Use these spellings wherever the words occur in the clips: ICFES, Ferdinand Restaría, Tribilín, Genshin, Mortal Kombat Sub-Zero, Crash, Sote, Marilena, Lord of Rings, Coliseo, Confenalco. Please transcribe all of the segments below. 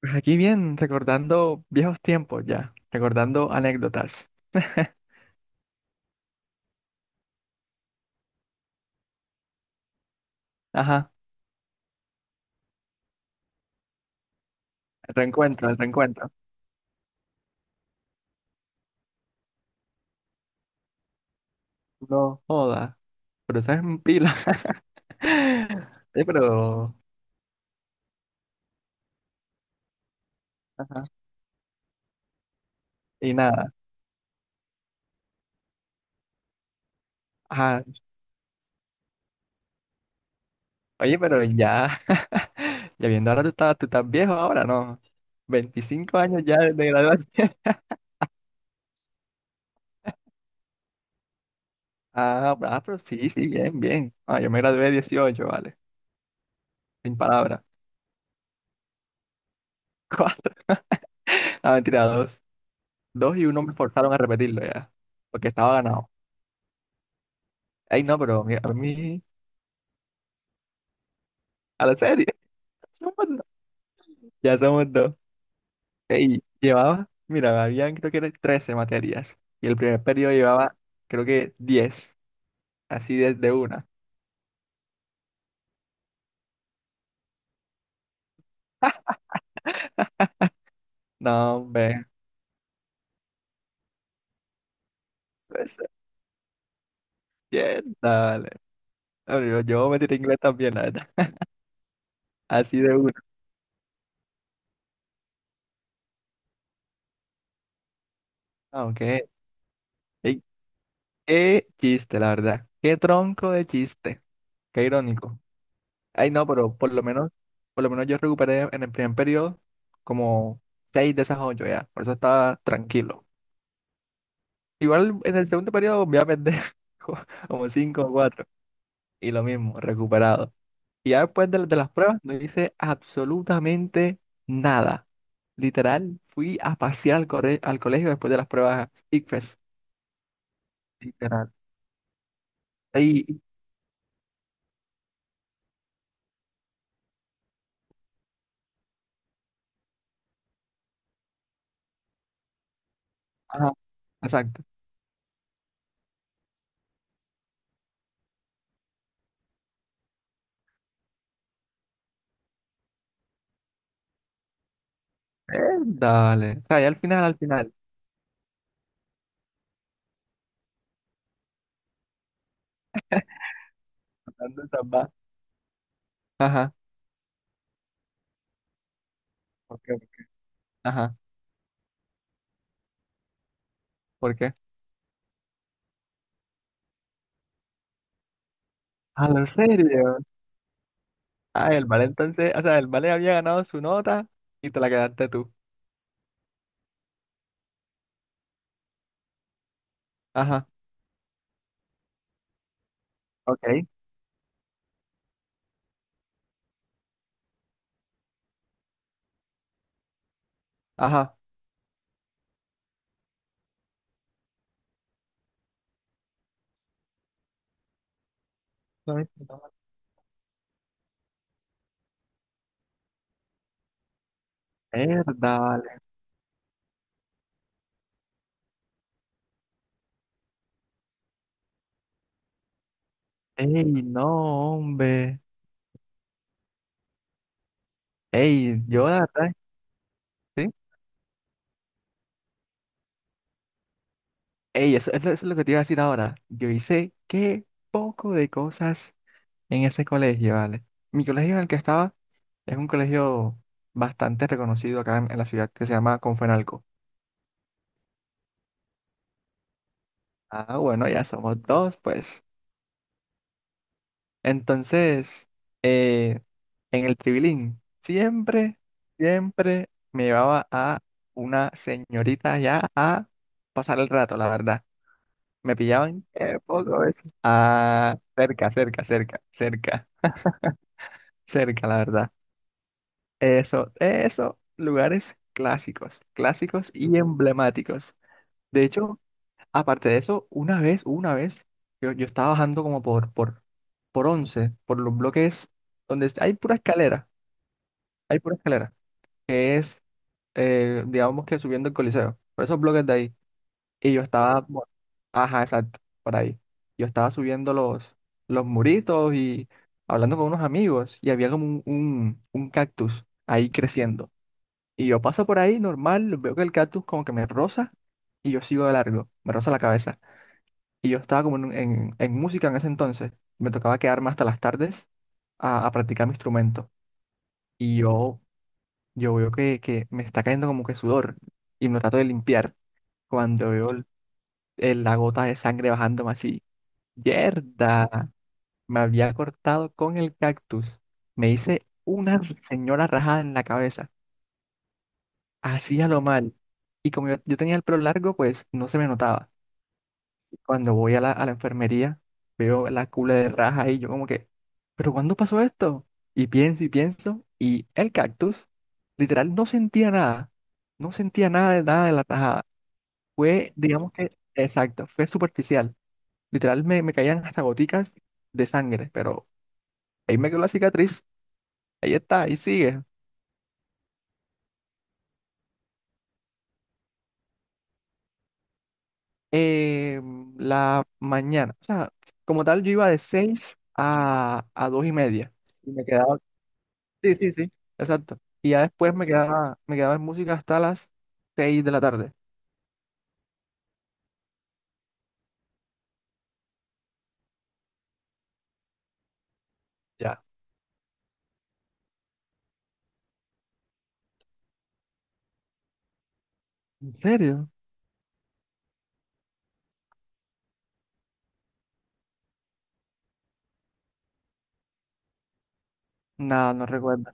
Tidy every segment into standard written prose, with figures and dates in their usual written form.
Pues aquí bien, recordando viejos tiempos ya, recordando anécdotas. Ajá, reencuentro, el reencuentro. No joda, pero eso es un pila. Sí, pero, ajá, y nada. Ajá, oye, pero ya, ya viendo ahora tú estás viejo ahora, ¿no? 25 años ya de graduación. Ah, ah, pero sí, sí, bien, bien. Ah, yo me gradué 18, vale, sin palabras. Ah, mentira, dos. Dos y uno me forzaron a repetirlo ya, porque estaba ganado. Ay, no, pero a mí, a la serie. Somos dos. Ya somos dos. Ey, llevaba, mira, habían creo que eran 13 materias. Y el primer periodo llevaba, creo que 10. Así desde una. No, hombre, pues. Bien, dale. No, Yo me tiré inglés también, la verdad. Así de una. Aunque, ey, qué chiste, la verdad. Qué tronco de chiste. Qué irónico. Ay, no, pero por lo menos yo recuperé en el primer periodo como 6 de esas 8 ya. Por eso estaba tranquilo. Igual en el segundo periodo voy a perder co- como 5 o 4 y lo mismo, recuperado. Y ya después de las pruebas no hice absolutamente nada. Literal, fui a pasear al colegio después de las pruebas ICFES. Literal. Y, ajá, exacto. Eh, Dale. O sea, ya al final, al final. Tratando de salvar. Ajá. ¿Por qué? Ajá. ¿Por qué? Ah, ¿en serio? Ah, el vale entonces, o sea, el vale había ganado su nota y te la quedaste tú. Ajá. Ok. Ajá. No, no. Verdad, ey, no, hombre. Ey, yo la verdad, sí. Ey, eso es lo que te iba a decir ahora. Yo hice qué poco de cosas en ese colegio, ¿vale? Mi colegio en el que estaba es un colegio bastante reconocido acá en la ciudad que se llama Confenalco. Ah, bueno, ya somos dos, pues. Entonces, eh, en el Tribilín, siempre me llevaba a una señorita ya a pasar el rato, la verdad. Me pillaban, poco a veces. Ah, cerca, cerca, cerca, cerca, cerca, la verdad. Eso, lugares clásicos, clásicos y emblemáticos. De hecho, aparte de eso, una vez, yo estaba bajando como por 11 por los bloques donde hay pura escalera, que es, digamos que subiendo el Coliseo, por esos bloques de ahí. Y yo estaba, ajá, exacto, por ahí. Yo estaba subiendo los muritos y hablando con unos amigos y había como un cactus ahí creciendo. Y yo paso por ahí normal, veo que el cactus como que me roza y yo sigo de largo, me roza la cabeza. Y yo estaba como en música en ese entonces. Me tocaba quedarme hasta las tardes a practicar mi instrumento. Y yo veo que me está cayendo como que sudor y me lo trato de limpiar cuando veo la gota de sangre bajándome así. Yerda, me había cortado con el cactus. Me hice una señora rajada en la cabeza. Hacía lo mal. Y como yo tenía el pelo largo, pues no se me notaba. Cuando voy a la enfermería, veo la cule de raja y yo como que, ¿pero cuándo pasó esto? Y pienso y pienso, y el cactus, literal, no sentía nada. No sentía nada de nada de la rajada. Fue, digamos que, exacto, fue superficial. Literal, me caían hasta goticas de sangre, pero ahí me quedó la cicatriz. Ahí está, ahí sigue. Eh, la mañana. O sea, como tal, yo iba de 6 a 2:30. Y me quedaba. Sí, sí, sí. Exacto. Y ya después me quedaba, en música hasta las 6 de la tarde. Ya. ¿En serio? No, no recuerdo.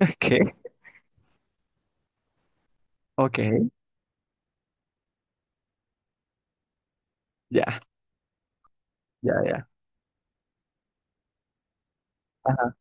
¿Qué? Ok. Ya, ya, ya. Ajá.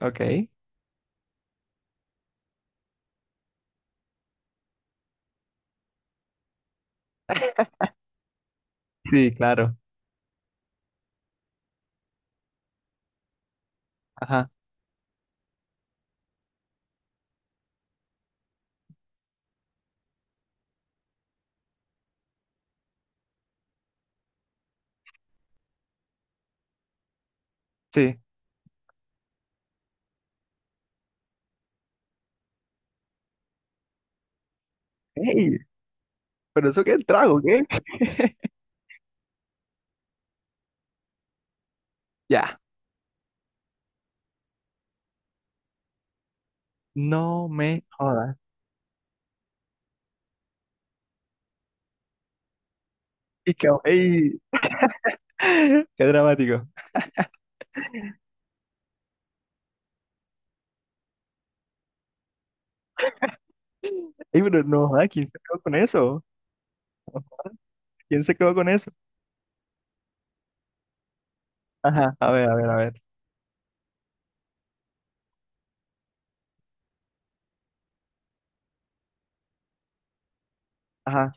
Ok. Sí, claro. Ajá. Sí. Ey, pero eso qué trago, ¿qué? Ya. No me jodas. Y que, ey, qué dramático. Ey, pero no, ay, ¿quién se quedó con eso? ¿Quién se quedó con eso? Ajá, a ver, a ver, a ver. Ajá,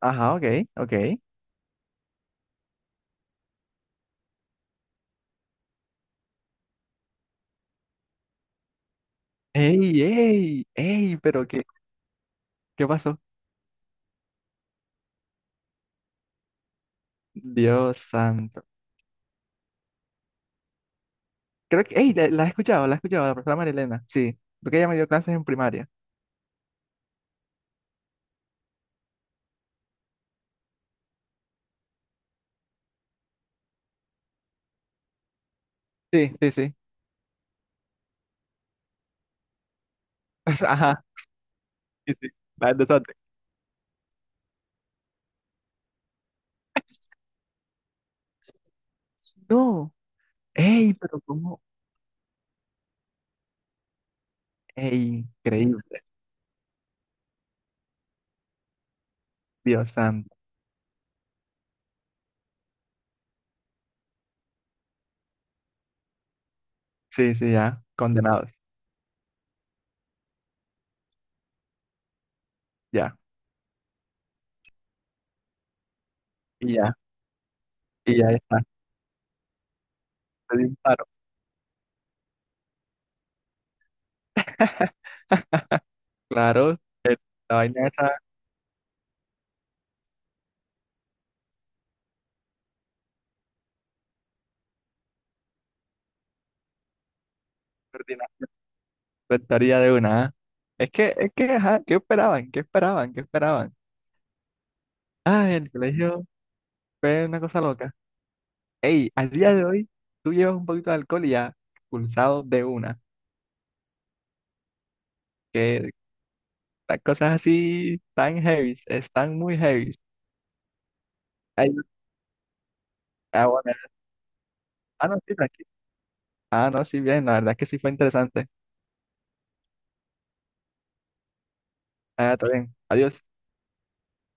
ajá, ok, ok. Ey, ey, ey, pero ¿qué pasó? Dios santo. Creo que, ey, la he escuchado, la he escuchado, la profesora Marilena, sí. Porque ella me dio clases en primaria. Sí, sí, sí. Ajá, sí, sí. La de Sote. No, ey, pero ¿cómo? Ey, increíble, Dios santo. Sí, sí, ya, condenados, ya, y ya, y ya está. Le di un paro. Claro, eh, la vaina esa Ferdinand Restaría de una, ¿ah? Es que, ajá, ¿qué esperaban? ¿Qué esperaban? ¿Qué esperaban? Ah, el colegio fue una cosa loca. Ey, al día de hoy, tú llevas un poquito de alcohol y ya expulsado de una. Que las cosas así tan heavy, están muy heavy. Ay, ah, bueno. Ah, no, sí, tranquilo. Ah, no, sí, bien, la verdad es que sí fue interesante. Ah, está bien. Adiós.